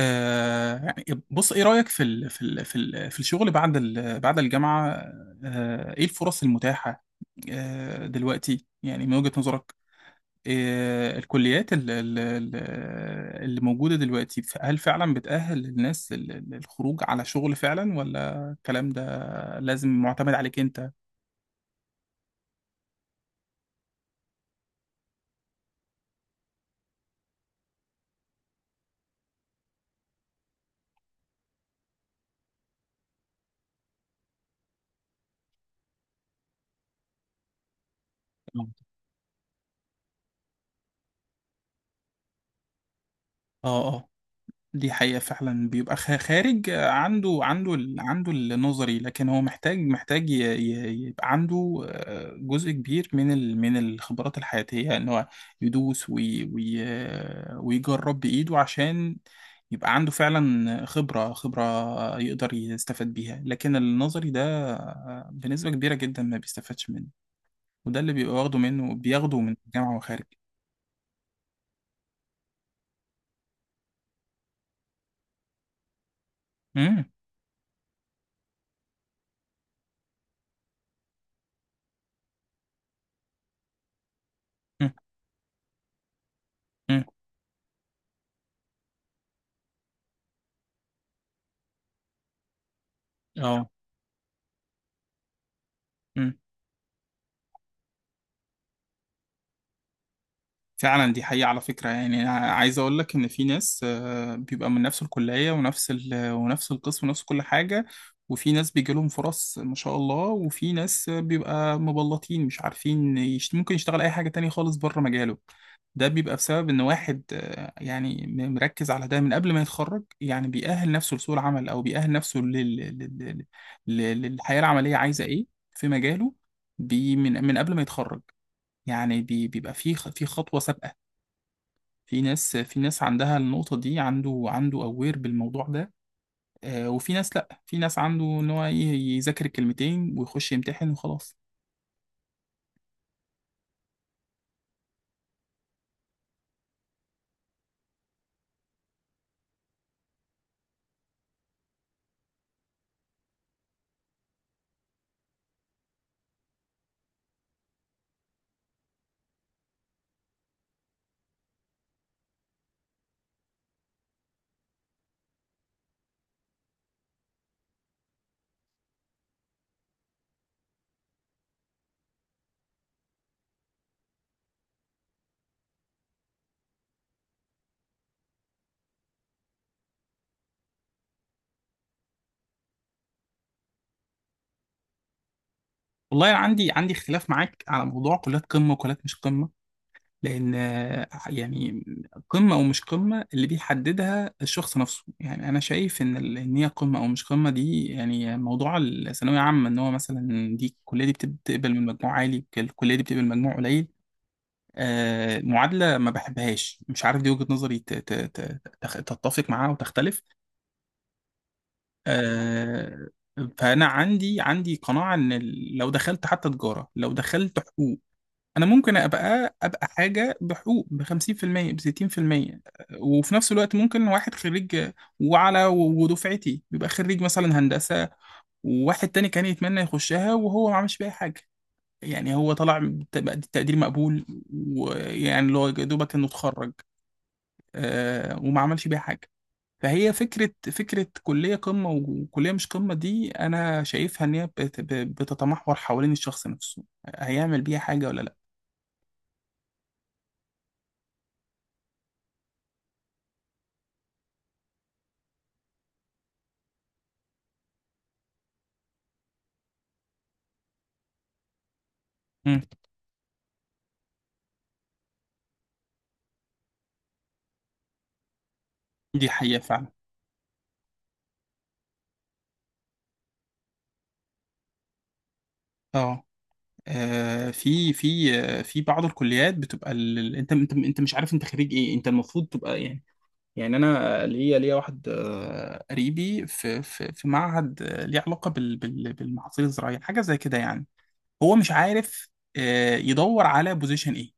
آه يعني بص، ايه رأيك في الشغل بعد ال بعد الجامعة؟ آه، ايه الفرص المتاحة؟ آه، دلوقتي يعني من وجهة نظرك؟ آه، الكليات اللي موجودة دلوقتي، هل فعلا بتأهل الناس للخروج على شغل فعلا، ولا الكلام ده لازم معتمد عليك انت؟ اه، اه. دي حقيقة فعلا، بيبقى خارج عنده النظري، لكن هو محتاج يبقى عنده جزء كبير من الخبرات الحياتية، يعني ان هو يدوس وي وي ويجرب بإيده عشان يبقى عنده فعلا خبرة يقدر يستفاد بيها. لكن النظري ده بنسبة كبيرة جدا ما بيستفادش منه، وده اللي بيبقى واخده منه، بياخده من الجامعة وخارج. امم امم امم، اه. امم. فعلا دي حقيقة. على فكرة، يعني أنا عايز أقول لك إن في ناس بيبقى من نفس الكلية ونفس ال ونفس القسم ونفس كل حاجة، وفي ناس بيجي لهم فرص ما شاء الله، وفي ناس بيبقى مبلطين مش عارفين يشت، ممكن يشتغل أي حاجة تانية خالص بره مجاله. ده بيبقى بسبب إن واحد يعني مركز على ده من قبل ما يتخرج، يعني بيأهل نفسه لسوق العمل، أو بيأهل نفسه للحياة العملية عايزة إيه في مجاله، من قبل ما يتخرج، يعني بيبقى في في خطوة سابقة. في ناس عندها النقطة دي، عنده أوير بالموضوع ده، وفي ناس لأ، في ناس عنده إن هو إيه، يذاكر الكلمتين ويخش يمتحن وخلاص. والله أنا عندي اختلاف معاك على موضوع كليات قمة وكليات مش قمة، لأن يعني قمة أو مش قمة اللي بيحددها الشخص نفسه، يعني أنا شايف إن إن هي قمة أو مش قمة دي، يعني موضوع الثانوية عامة إن هو مثلا دي الكلية دي بتقبل من مجموع عالي، الكلية دي بتقبل مجموع قليل، معادلة ما بحبهاش، مش عارف، دي وجهة نظري تتفق معاها وتختلف. آه، فأنا عندي قناعة إن لو دخلت حتى تجارة، لو دخلت حقوق، أنا ممكن أبقى حاجة بحقوق ب 50% ب 60%، وفي نفس الوقت ممكن واحد خريج، وعلى ودفعتي بيبقى خريج مثلا هندسة، وواحد تاني كان يتمنى يخشها وهو ما عملش بيها حاجة، يعني هو طلع بتقدير مقبول، ويعني اللي هو يا دوبك انه اتخرج، وما عملش بيها حاجه. فهي فكره كليه قمه وكليه مش قمه دي، انا شايفها ان هي بتتمحور حوالين الشخص نفسه، هيعمل بيها حاجه ولا لا. مم. دي حقيقه فعلا. اه، في بعض الكليات بتبقى انت انت مش عارف انت خريج ايه، انت المفروض تبقى يعني، يعني انا ليا واحد قريبي في معهد ليه علاقه بالمحاصيل الزراعيه حاجه زي كده، يعني هو مش عارف يدور على بوزيشن ايه.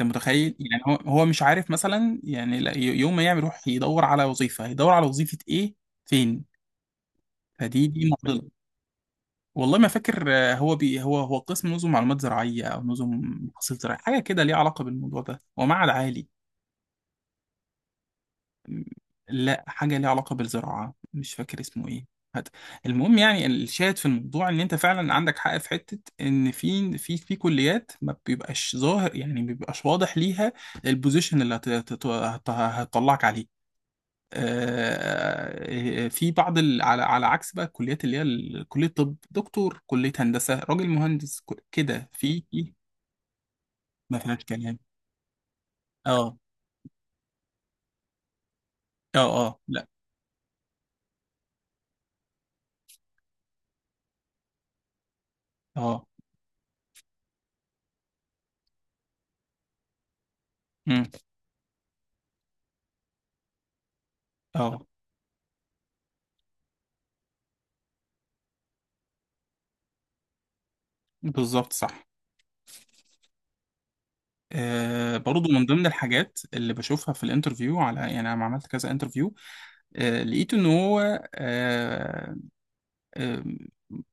انت متخيل؟ يعني هو مش عارف مثلا، يعني يوم ما يعمل يروح يدور على وظيفه، هيدور على وظيفه ايه، فين؟ دي معضله. والله ما فاكر، آه، هو بي هو هو قسم نظم معلومات زراعيه، او نظم محاصيل زراعيه حاجه كده ليها علاقه بالموضوع ده، هو معهد عالي. م- لا، حاجه ليها علاقه بالزراعه، مش فاكر اسمه ايه. هات. المهم، يعني الشاهد في الموضوع ان انت فعلا عندك حق في حته، ان في كليات ما بيبقاش ظاهر، يعني ما بيبقاش واضح ليها البوزيشن اللي هتطلعك عليه، في بعض ال، على على عكس بقى الكليات اللي هي كلية طب دكتور، كلية هندسة راجل مهندس، كده ما فيهاش كلام. اه، اه، اه، لا، اه. امم. اه، بالظبط، صح. آه، برضو من ضمن الحاجات اللي بشوفها في الانترفيو، على يعني انا عملت كذا انترفيو. آه، لقيت ان هو آه، أم،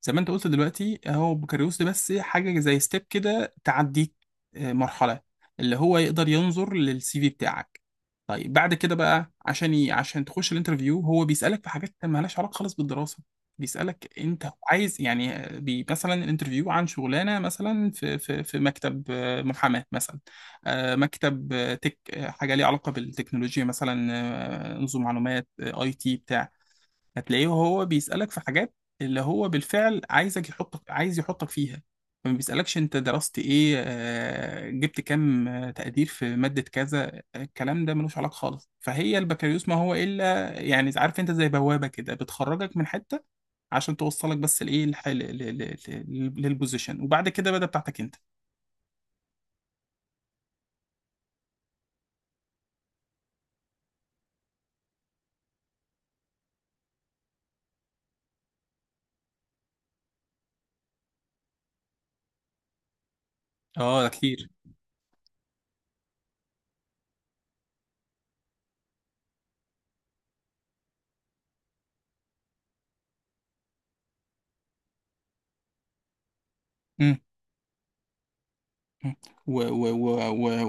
زي ما انت قلت دلوقتي، هو بوكاريوس ده بس حاجة زي ستيب كده تعديك أه، مرحلة اللي هو يقدر ينظر للسي في بتاعك. طيب بعد كده بقى عشان عشان تخش الانترفيو، هو بيسألك في حاجات مالهاش علاقة خالص بالدراسة. بيسألك انت عايز، يعني مثلا الانترفيو عن شغلانة مثلا في مكتب محاماة مثلا، مكتب أه، تك أه، حاجة ليها علاقة بالتكنولوجيا مثلا، نظم معلومات اي تي. هتلاقيه هو بيسألك في حاجات اللي هو بالفعل عايزك يحطك، عايز يحطك فيها، ما بيسألكش انت درست ايه، جبت كام، تقدير في مادة كذا، الكلام ده ملوش علاقة خالص. فهي البكالوريوس ما هو الا يعني، عارف، انت زي بوابة كده بتخرجك من حتة عشان توصلك بس لايه للبوزيشن، وبعد كده بدأ بتاعتك انت. اه، ده كتير. مم. و- و- و- و-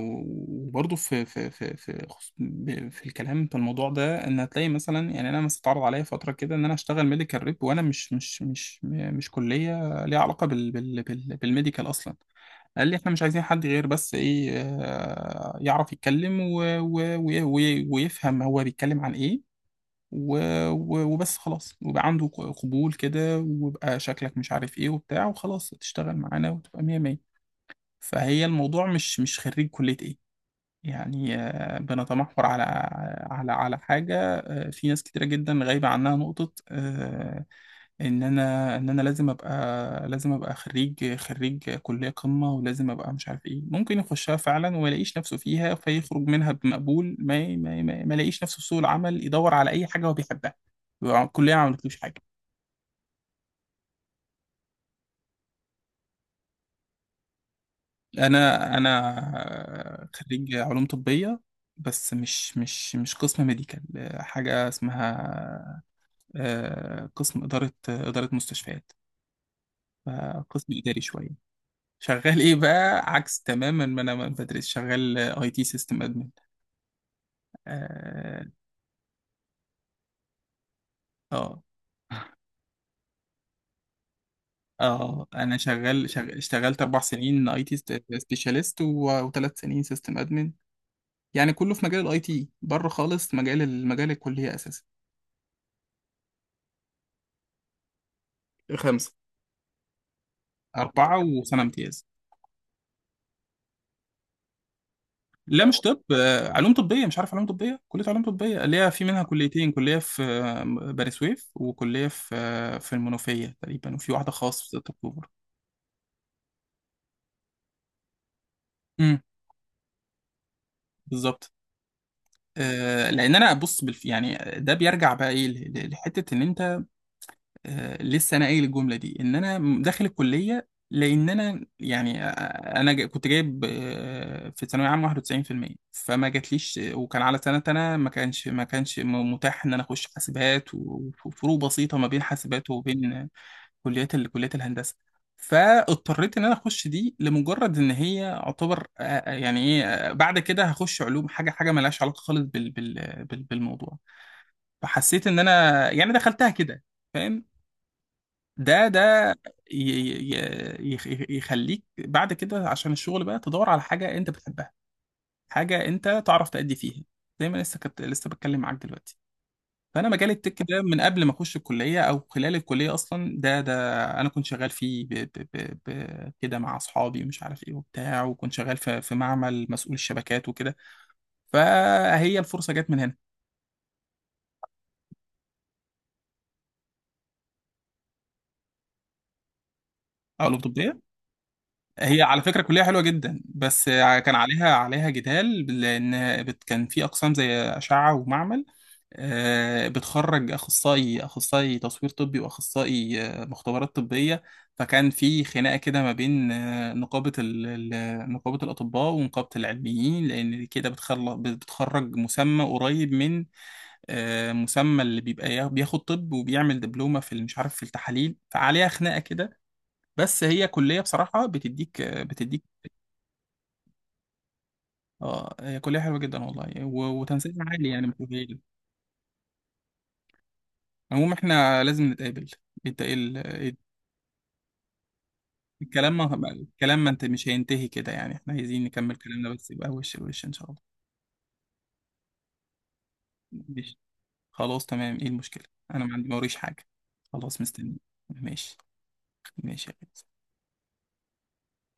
وبرضه في الكلام في الموضوع ده، ان هتلاقي مثلا، يعني انا مثلا اتعرض عليا فتره كده ان انا اشتغل ميديكال ريب، وانا مش كليه ليها علاقه بالميديكال اصلا. قال لي احنا مش عايزين حد غير بس ايه، يعرف يتكلم و ويفهم هو بيتكلم عن ايه، و و وبس خلاص، ويبقى عنده قبول كده، ويبقى شكلك مش عارف ايه وبتاع، وخلاص تشتغل معانا وتبقى مية مية. فهي الموضوع مش خريج كلية ايه، يعني بنتمحور على على حاجة، في ناس كتيرة جدا غايبة عنها نقطة، ان انا لازم ابقى، لازم ابقى خريج كلية قمة، ولازم ابقى مش عارف ايه، ممكن يخشها فعلا وما يلاقيش نفسه فيها، فيخرج منها بمقبول ما يلاقيش نفسه في سوق العمل، يدور على اي حاجة هو بيحبها، يبقى الكلية ما عملتلوش حاجة. انا خريج علوم طبيه، بس مش قسم ميديكال، حاجه اسمها قسم اداره مستشفيات، قسم اداري شويه. شغال ايه بقى؟ عكس تماما ما انا ما بدرس، شغال اي تي سيستم ادمن. اه، اه. آه، انا شغال, شغال اشتغلت اربع سنين اي تي سبيشاليست، وثلاث سنين سيستم ادمن، يعني كله في مجال الاي تي، بره خالص مجال الكليه اساسا. خمسة. أربعة وسنة امتياز. لا، مش طب، علوم طبية، مش عارف، علوم طبية، كلية علوم طبية اللي هي في منها كليتين، كلية في بني سويف، وكلية في في المنوفية تقريبا، وفي واحدة خاص في 6 أكتوبر. امم، بالظبط. لأن أنا بص يعني ده بيرجع بقى إيه لحتة إن أنت لسه انا قايل الجمله دي، ان انا داخل الكليه لان انا يعني، كنت جايب في ثانويه عامه 91%، فما جاتليش وكان على سنه انا ما كانش ما كانش م- متاح ان انا اخش حاسبات، وفروق بسيطه ما بين حاسبات وبين كليات الهندسه. فاضطريت ان انا اخش دي لمجرد ان هي اعتبر آه، آه، يعني ايه آه، بعد كده هخش علوم، حاجه مالهاش علاقه خالص بالموضوع. فحسيت ان انا يعني دخلتها كده، فاهم؟ ده ده ي- ي- يخ- يخليك بعد كده عشان الشغل بقى، تدور على حاجة انت بتحبها، حاجة انت تعرف تأدي فيها، زي ما لسه كنت لسه بتكلم معاك دلوقتي. فانا مجال التك ده من قبل ما اخش الكلية، او خلال الكلية اصلا، ده ده انا كنت شغال فيه ب ب ب ب كده مع اصحابي، ومش عارف ايه وبتاع، وكنت شغال في في معمل مسؤول الشبكات وكده. فهي الفرصة جت من هنا. او القبطية. هي على فكرة كلية حلوة جدا، بس كان عليها جدال، لأن كان في أقسام زي أشعة ومعمل، بتخرج أخصائي تصوير طبي، وأخصائي مختبرات طبية. فكان في خناقة كده ما بين نقابة الأطباء ونقابة العلميين، لأن كده بتخلص بتخرج مسمى قريب من مسمى اللي بيبقى بياخد طب، وبيعمل دبلومة في مش عارف في التحاليل، فعليها خناقة كده. بس هي كلية بصراحة بتديك. اه، هي كلية حلوة جدا والله، وتنسيقنا عالي يعني مش قليل. المهم احنا لازم نتقابل. انت إيه إيه الكلام؟ ما الكلام ما انت مش هينتهي كده يعني، احنا عايزين نكمل كلامنا، بس يبقى وش لوش ان شاء الله. ماشي، خلاص، تمام، ايه المشكلة، انا ما عندي موريش حاجة، خلاص مستني. ماشي. ماشي يا بنت.